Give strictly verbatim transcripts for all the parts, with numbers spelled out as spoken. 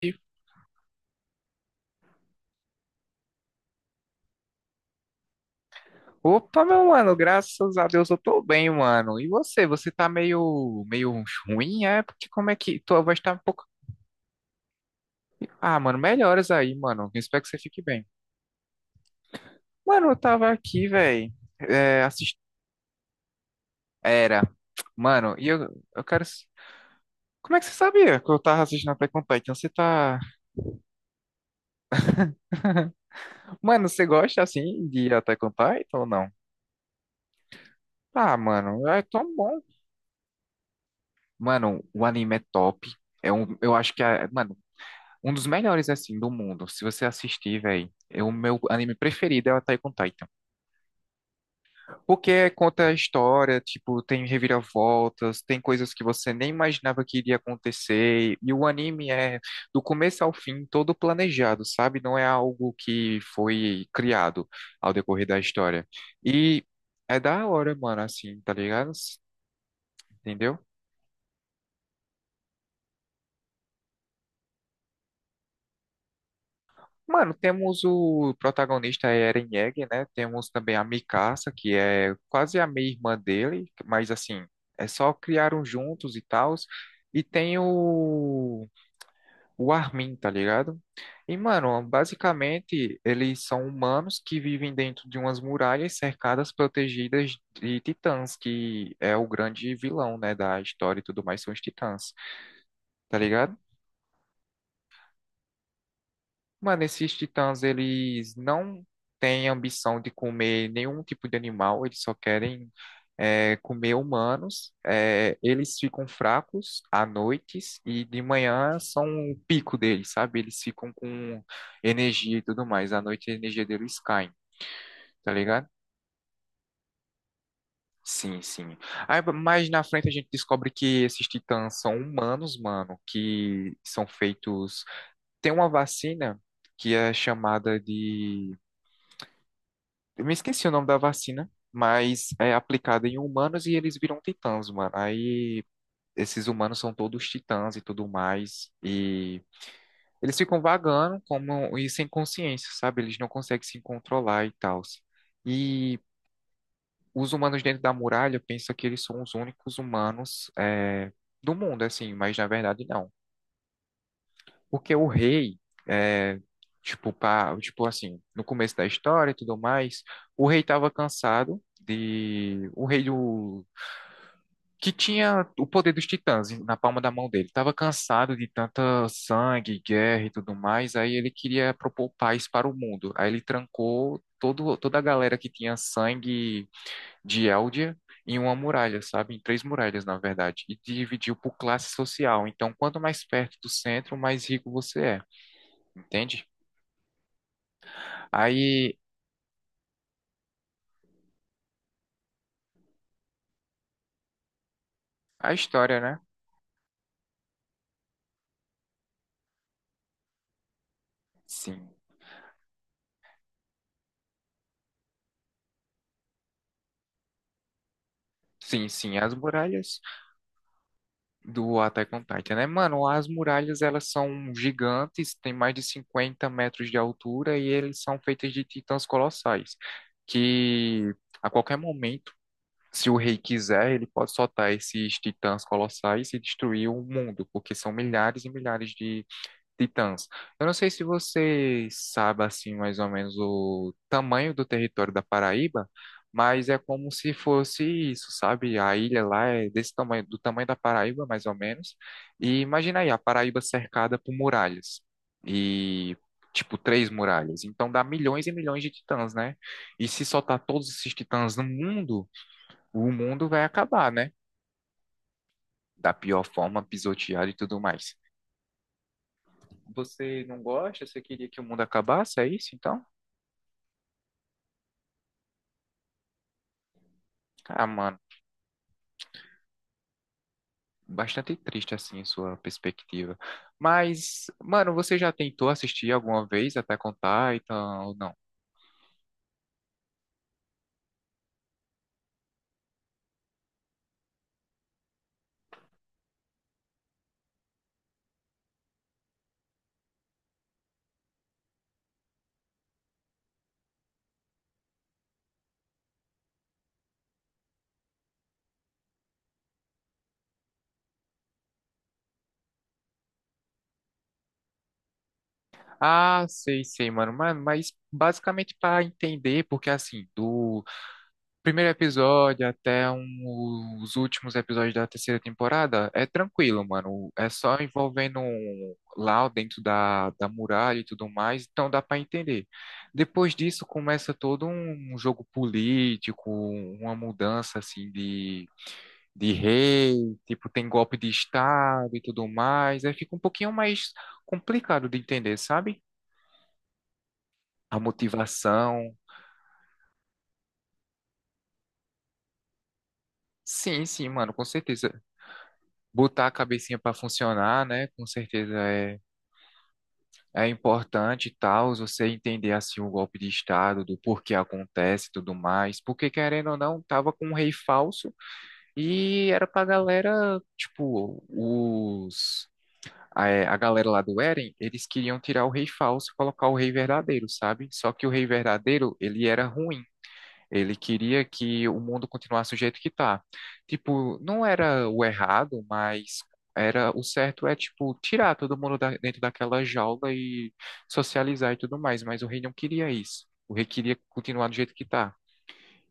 E, opa, meu mano, graças a Deus eu tô bem, mano. E você? Você tá meio, meio ruim, é? Porque como é que tua voz tá um pouco. Ah, mano, melhoras aí, mano. Espero que você fique bem. Mano, eu tava aqui, velho. É, assist... Era. Mano, e eu, eu quero. S- Como é que você sabia que eu tava assistindo Attack on Titan? Você tá. Mano, você gosta assim de Attack on Titan ou não? Ah, mano, é tão bom. Mano, o anime é top. É um, eu acho que é, mano, um dos melhores, assim, do mundo. Se você assistir, velho, é o meu anime preferido é o Attack on Titan. Porque conta a história, tipo, tem reviravoltas, tem coisas que você nem imaginava que iria acontecer. E o anime é, do começo ao fim, todo planejado, sabe? Não é algo que foi criado ao decorrer da história. E é da hora, mano, assim, tá ligado? Entendeu? Mano, temos o protagonista é Eren Yeager, né? Temos também a Mikasa, que é quase a meia-irmã dele, mas assim, é só criaram juntos e tals. E tem o, o Armin, tá ligado? E, mano, basicamente, eles são humanos que vivem dentro de umas muralhas cercadas, protegidas de titãs, que é o grande vilão, né, da história e tudo mais, são os titãs, tá ligado? Mano, esses titãs, eles não têm ambição de comer nenhum tipo de animal, eles só querem é, comer humanos. É, eles ficam fracos à noite e de manhã são o pico deles, sabe? Eles ficam com energia e tudo mais. À noite a energia deles cai, tá ligado? Sim, sim. Aí mais na frente a gente descobre que esses titãs são humanos, mano, que são feitos. Tem uma vacina que é chamada de eu me esqueci o nome da vacina, mas é aplicada em humanos e eles viram titãs, mano. Aí esses humanos são todos titãs e tudo mais. E eles ficam vagando como e sem consciência, sabe? Eles não conseguem se controlar e tal. E os humanos dentro da muralha pensam que eles são os únicos humanos é, do mundo, assim, mas na verdade não. Porque o rei, é, tipo, pá, tipo assim, no começo da história e tudo mais, o rei estava cansado de. O rei do. Que tinha o poder dos titãs na palma da mão dele. Estava cansado de tanta sangue, guerra e tudo mais. Aí ele queria propor paz para o mundo. Aí ele trancou todo, toda a galera que tinha sangue de Eldia em uma muralha, sabe? Em três muralhas, na verdade. E dividiu por classe social. Então, quanto mais perto do centro, mais rico você é, entende? Aí a história, né? Sim. Sim, sim, as muralhas do Attack on Titan, né? Mano, as muralhas elas são gigantes, tem mais de cinquenta metros de altura e eles são feitas de titãs colossais, que a qualquer momento, se o rei quiser, ele pode soltar esses titãs colossais e destruir o mundo, porque são milhares e milhares de titãs. Eu não sei se você sabe assim mais ou menos o tamanho do território da Paraíba, mas é como se fosse isso, sabe? A ilha lá é desse tamanho, do tamanho da Paraíba, mais ou menos. E imagina aí, a Paraíba cercada por muralhas. E tipo três muralhas. Então dá milhões e milhões de titãs, né? E se soltar todos esses titãs no mundo, o mundo vai acabar, né? Da pior forma, pisoteado e tudo mais. Você não gosta? Você queria que o mundo acabasse? É isso, então? Ah, mano, bastante triste assim a sua perspectiva. Mas, mano, você já tentou assistir alguma vez Attack on Titan ou não? Ah, sei, sei, mano. Mas, mas basicamente para entender, porque assim, do primeiro episódio até um- os últimos episódios da terceira temporada é tranquilo, mano. É só envolvendo um lá dentro da, da muralha e tudo mais, então dá pra entender. Depois disso começa todo um, um jogo político, uma mudança assim de, de, rei, tipo tem golpe de estado e tudo mais. Aí fica um pouquinho mais complicado de entender, sabe? A motivação. Sim, sim, mano, com certeza. Botar a cabecinha para funcionar, né? Com certeza é, é importante e tal, você entender assim o golpe de estado, do porquê acontece e tudo mais, porque querendo ou não, tava com um rei falso e era pra galera, tipo, os a, é, a galera lá do Eren, eles queriam tirar o rei falso e colocar o rei verdadeiro, sabe? Só que o rei verdadeiro, ele era ruim. Ele queria que o mundo continuasse do jeito que tá. Tipo, não era o errado, mas era o certo é, tipo, tirar todo mundo da- dentro daquela jaula e socializar e tudo mais. Mas o rei não queria isso. O rei queria continuar do jeito que tá.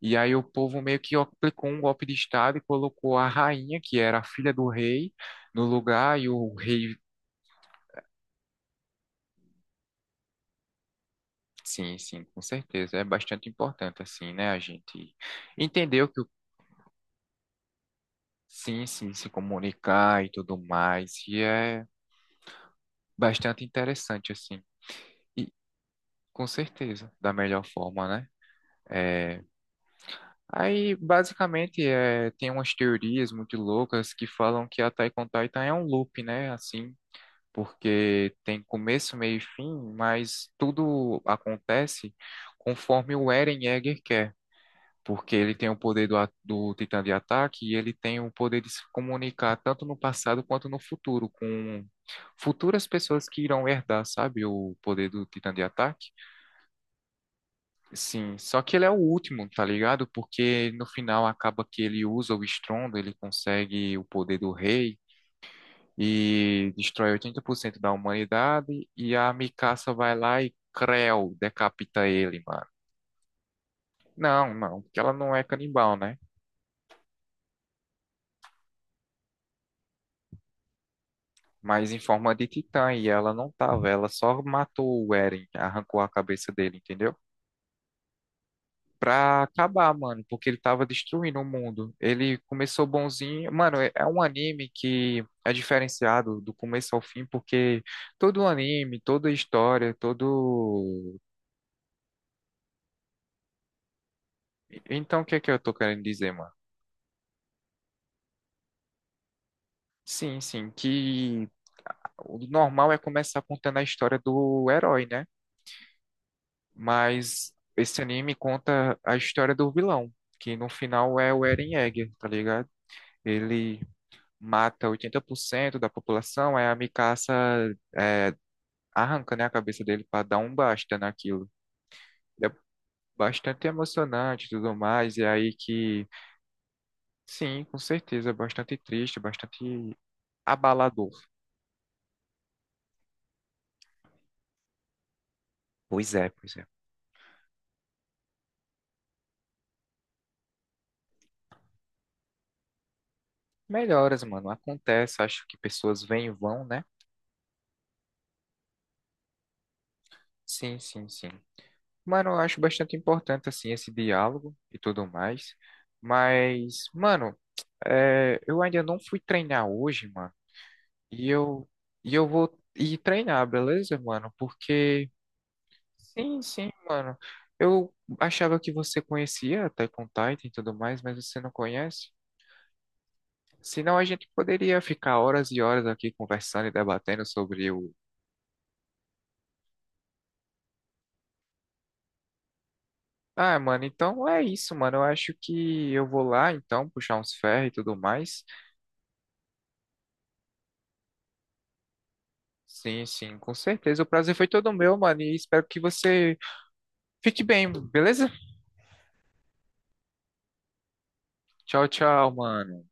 E aí o povo meio que aplicou um golpe de estado e colocou a rainha, que era a filha do rei, no lugar e o rei. Sim, sim, com certeza. É bastante importante, assim, né? A gente entendeu que sim, sim, se comunicar e tudo mais. E é bastante interessante, assim. E com certeza, da melhor forma, né? É... Aí, basicamente, é... tem umas teorias muito loucas que falam que a Taekwondo Titan é um loop, né? Assim, porque tem começo, meio e fim, mas tudo acontece conforme o Eren Yeager quer. Porque ele tem o poder do, a- do Titã de ataque e ele tem o poder de se comunicar tanto no passado quanto no futuro, com futuras pessoas que irão herdar, sabe, o poder do Titã de ataque. Sim, só que ele é o último, tá ligado? Porque no final acaba que ele usa o estrondo, ele consegue o poder do rei e destrói oitenta por cento da humanidade e a Mikasa vai lá e Creu decapita ele, mano. Não, não, porque ela não é canibal, né? Mas em forma de titã, e ela não tava, ela só matou o Eren, arrancou a cabeça dele, entendeu? Pra acabar, mano, porque ele tava destruindo o mundo. Ele começou bonzinho. Mano, é é um anime que é diferenciado do começo ao fim, porque todo anime, toda história, todo. Então, o que é que eu tô querendo dizer, mano? Sim, sim, que o normal é começar contando a história do herói, né? Mas esse anime conta a história do vilão, que no final é o Eren Yeager, tá ligado? Ele mata oitenta por cento da população, aí a Mikasa é, arranca, né, a cabeça dele pra dar um basta naquilo. É bastante emocionante e tudo mais, e é aí que, sim, com certeza, é bastante triste, bastante abalador. Pois é, pois é. Melhoras, mano, acontece, acho que pessoas vêm e vão, né? Sim, sim, sim. Mano, eu acho bastante importante, assim, esse diálogo e tudo mais. Mas, mano, é, eu ainda não fui treinar hoje, mano. E eu, e eu vou ir treinar, beleza, mano? Porque, sim, sim, mano. Eu achava que você conhecia Attack on Titan e tudo mais, mas você não conhece. Senão a gente poderia ficar horas e horas aqui conversando e debatendo sobre o... Ah, mano, então é isso, mano. Eu acho que eu vou lá, então, puxar uns ferros e tudo mais. Sim, sim, com certeza. O prazer foi todo meu, mano. E espero que você fique bem, beleza? Tchau, tchau, mano.